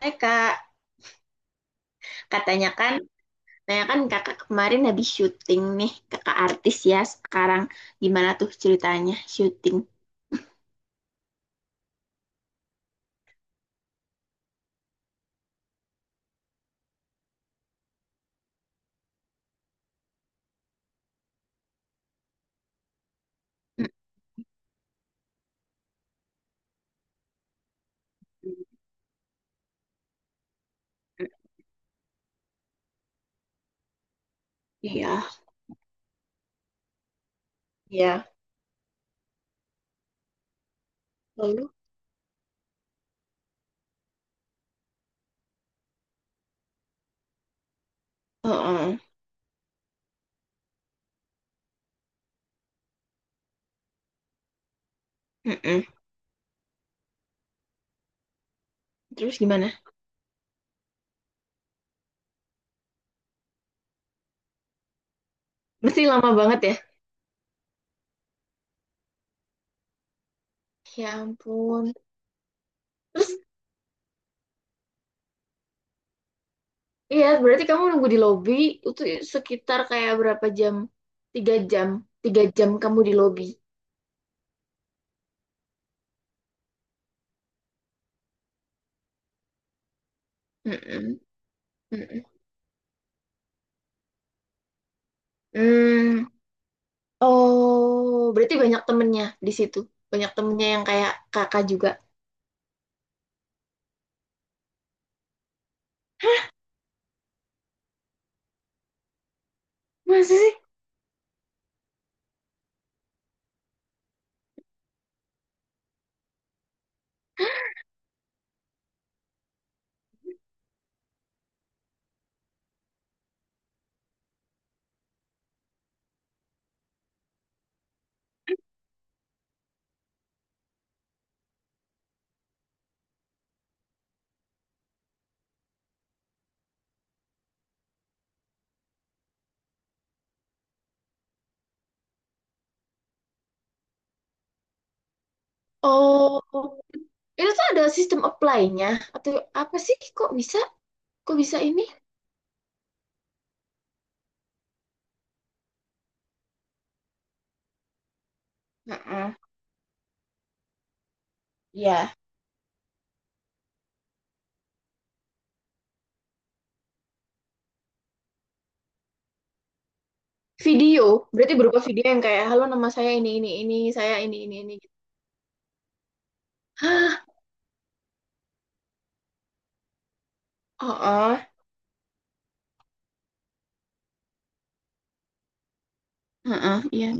Hai kak, katanya kan, katanya kan kakak kemarin habis syuting nih, kakak artis ya sekarang. Gimana tuh ceritanya syuting? Mm. Iya, iya. Lalu? Heeh. Mm-mm. Terus gimana? Mesti lama banget ya? Ya ampun. Iya, berarti kamu nunggu di lobby itu sekitar kayak berapa jam? 3 jam. 3 jam kamu di lobby. Mm-mm. Mm-mm. Hmm. Oh, berarti banyak temennya di situ. Banyak temennya yang kayak kakak juga. Masa sih? Oh, itu tuh ada sistem apply-nya. Atau apa sih? Kok bisa? Kok bisa ini? Heeh. Ya. Video, berarti berupa video yang kayak, halo nama saya ini, saya ini, ini. Hah? Oh, oh. Heeh, iya.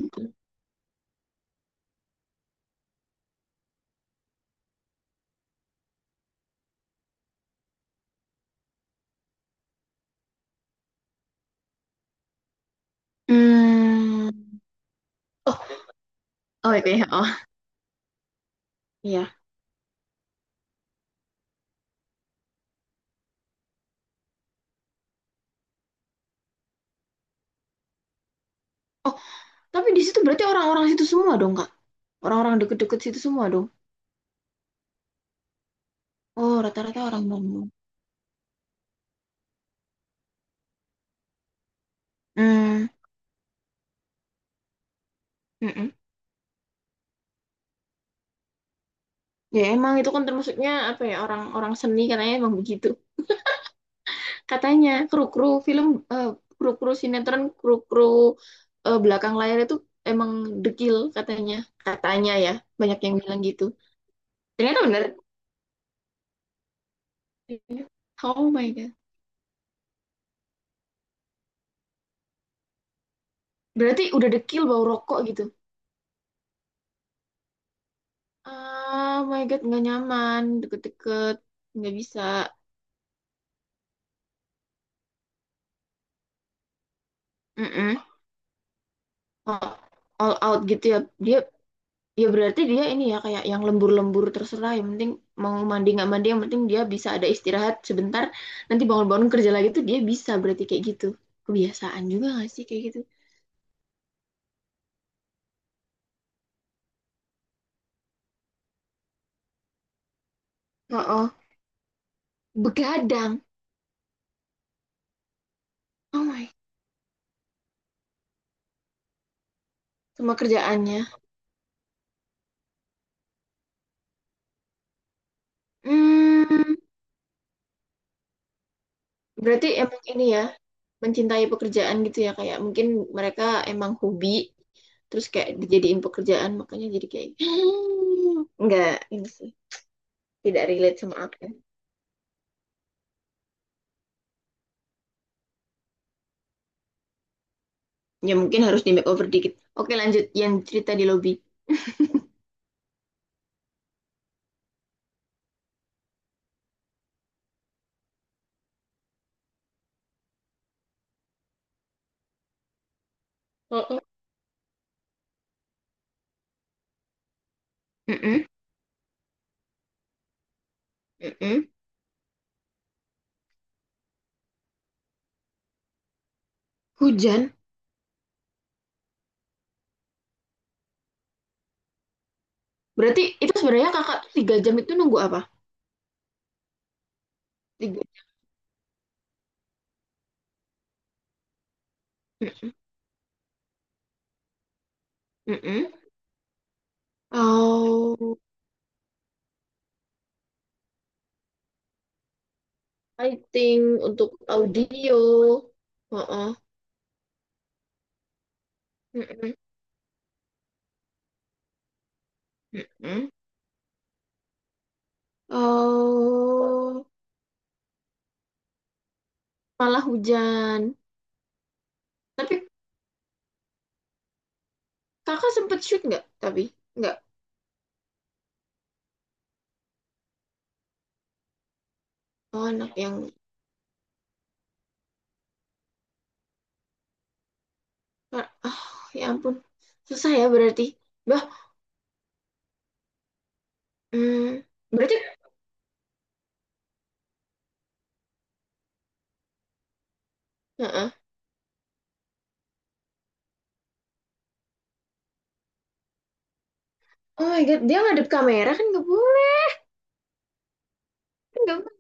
Hmm. Oh, oh PPH. Oh, iya. Oh, tapi di situ berarti orang-orang situ semua dong, Kak? Orang-orang deket-deket situ semua dong? Oh, rata-rata orang Bandung. Hmm. Mm-mm. Ya emang itu kan termasuknya apa ya orang-orang seni katanya emang begitu. Katanya kru-kru film, eh, kru-kru sinetron, kru-kru, belakang layar itu emang dekil katanya. Katanya ya, banyak yang bilang gitu. Ternyata bener. Oh my God. Berarti udah dekil bau rokok gitu. Ah, oh my God, nggak nyaman, deket-deket, nggak bisa. Mm-mm. All, all out gitu ya. Dia, ya berarti dia ini ya kayak yang lembur-lembur terserah. Yang penting mau mandi nggak mandi, yang penting dia bisa ada istirahat sebentar. Nanti bangun-bangun kerja lagi tuh dia bisa berarti kayak gitu. Kebiasaan juga nggak sih kayak gitu? Oh, oh. Begadang. Oh my, sama kerjaannya. Hmm, berarti emang ini ya. Mencintai pekerjaan gitu ya, kayak mungkin mereka emang hobi terus kayak dijadiin pekerjaan, makanya jadi kayak nggak ini sih, tidak relate sama aku. Ya mungkin harus di makeover dikit. Oke, lanjut yang cerita di lobby. Mm-mm. Mm-mm, mm-mm. Hujan. Berarti itu sebenarnya kakak tuh 3 jam itu nunggu apa? Tiga. Mm-mm, mm-mm. Oh, lighting untuk audio. Heeh. Mm-mm, mm-mm. Oh, malah hujan. Tapi kakak sempet shoot nggak? Tapi nggak. Oh anak yang ah, ya ampun, susah ya berarti. Bah, hmm, berarti. Heeh. Oh my god, dia ngadep kamera kan nggak boleh, nggak boleh.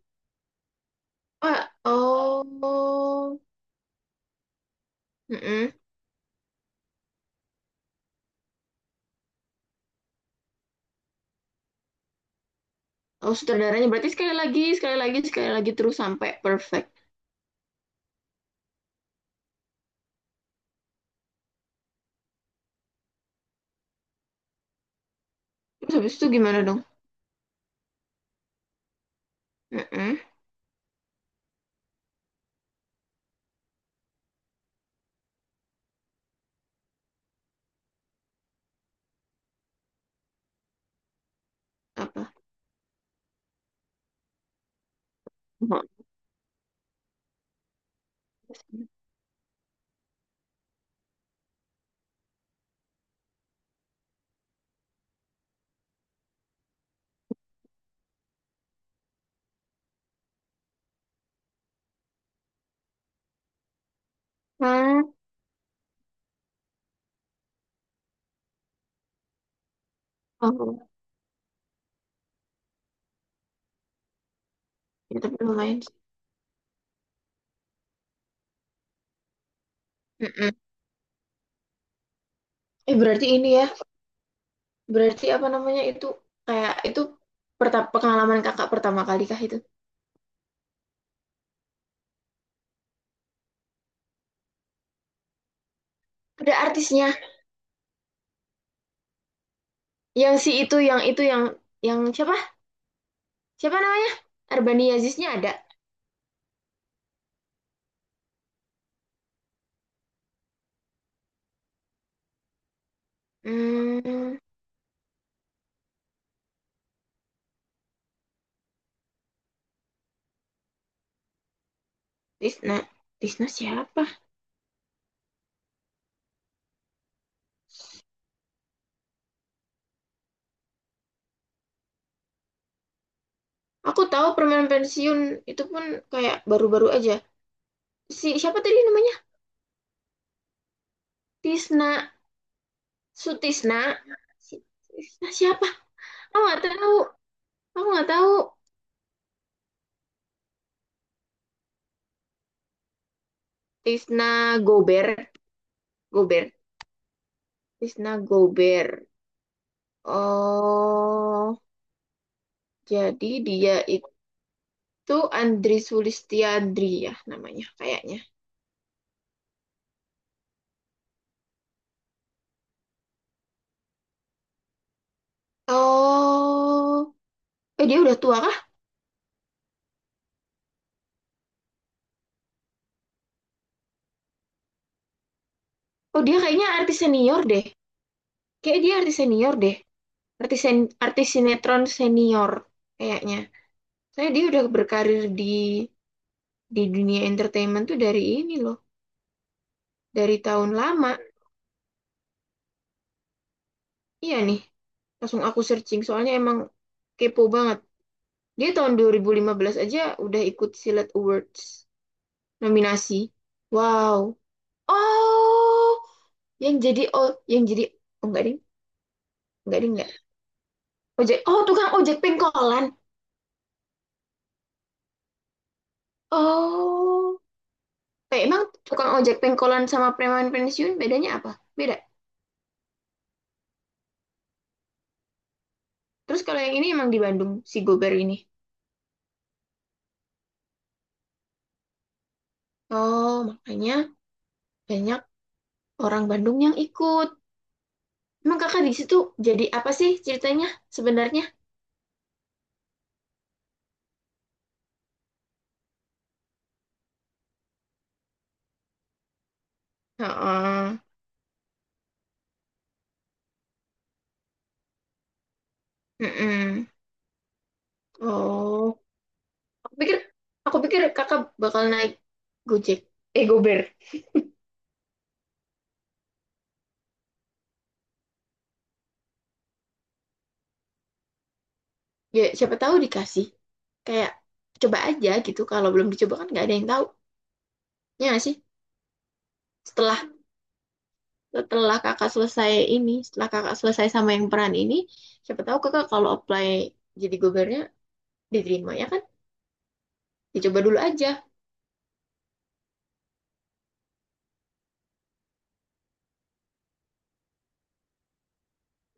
Wah, oh, Heeh. Oh sutradaranya berarti sekali lagi sekali lagi sekali lagi terus sampai perfect. Terus habis itu gimana dong? Heeh. Apa? Oh, oh, ya tapi lumayan. Sih. Heeh. Eh berarti ini ya. Berarti apa namanya itu, kayak itu, pengalaman kakak pertama kali kah itu? Ada artisnya yang si itu yang itu, yang siapa? Siapa namanya? Arbani Yaziznya ada. Hmm, Tisna. Tisna siapa? Aku tahu permen pensiun itu pun kayak baru-baru aja. Si siapa tadi namanya? Tisna Sutisna. Si, Tisna siapa? Aku nggak tahu. Aku nggak tahu. Tisna Gober. Gober. Tisna Gober. Oh, jadi dia itu Andri Sulistiandri ya namanya kayaknya. Oh, dia udah tua kah? Oh dia kayaknya artis senior deh. Kayak dia artis senior deh. Artis sinetron senior kayaknya. Saya dia udah berkarir di dunia entertainment tuh dari ini loh, dari tahun lama. Iya nih, langsung aku searching soalnya emang kepo banget. Dia tahun 2015 aja udah ikut Silat Awards. Nominasi. Wow. Oh, yang jadi oh, yang jadi oh, enggak ding, enggak ding enggak. Ojek. Oh, tukang ojek pengkolan. Oh. Eh, emang tukang ojek pengkolan sama preman pensiun bedanya apa? Beda. Terus kalau yang ini emang di Bandung si Gober ini. Oh, makanya banyak orang Bandung yang ikut. Emang kakak di situ jadi apa sih ceritanya sebenarnya? Heeh. Heeh. Oh, aku pikir aku pikir kakak bakal naik Gojek. Eh, Gober. Ya siapa tahu dikasih, kayak coba aja gitu, kalau belum dicoba kan nggak ada yang tahu, ya nggak sih. Setelah setelah kakak selesai ini, setelah kakak selesai sama yang peran ini, siapa tahu kakak kalau apply jadi gubernurnya diterima, ya kan? Dicoba dulu aja.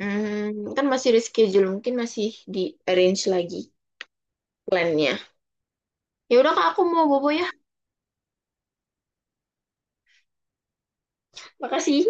Hmm, kan masih reschedule mungkin masih di arrange lagi plannya. Ya udah kak, aku mau bobo ya. Makasih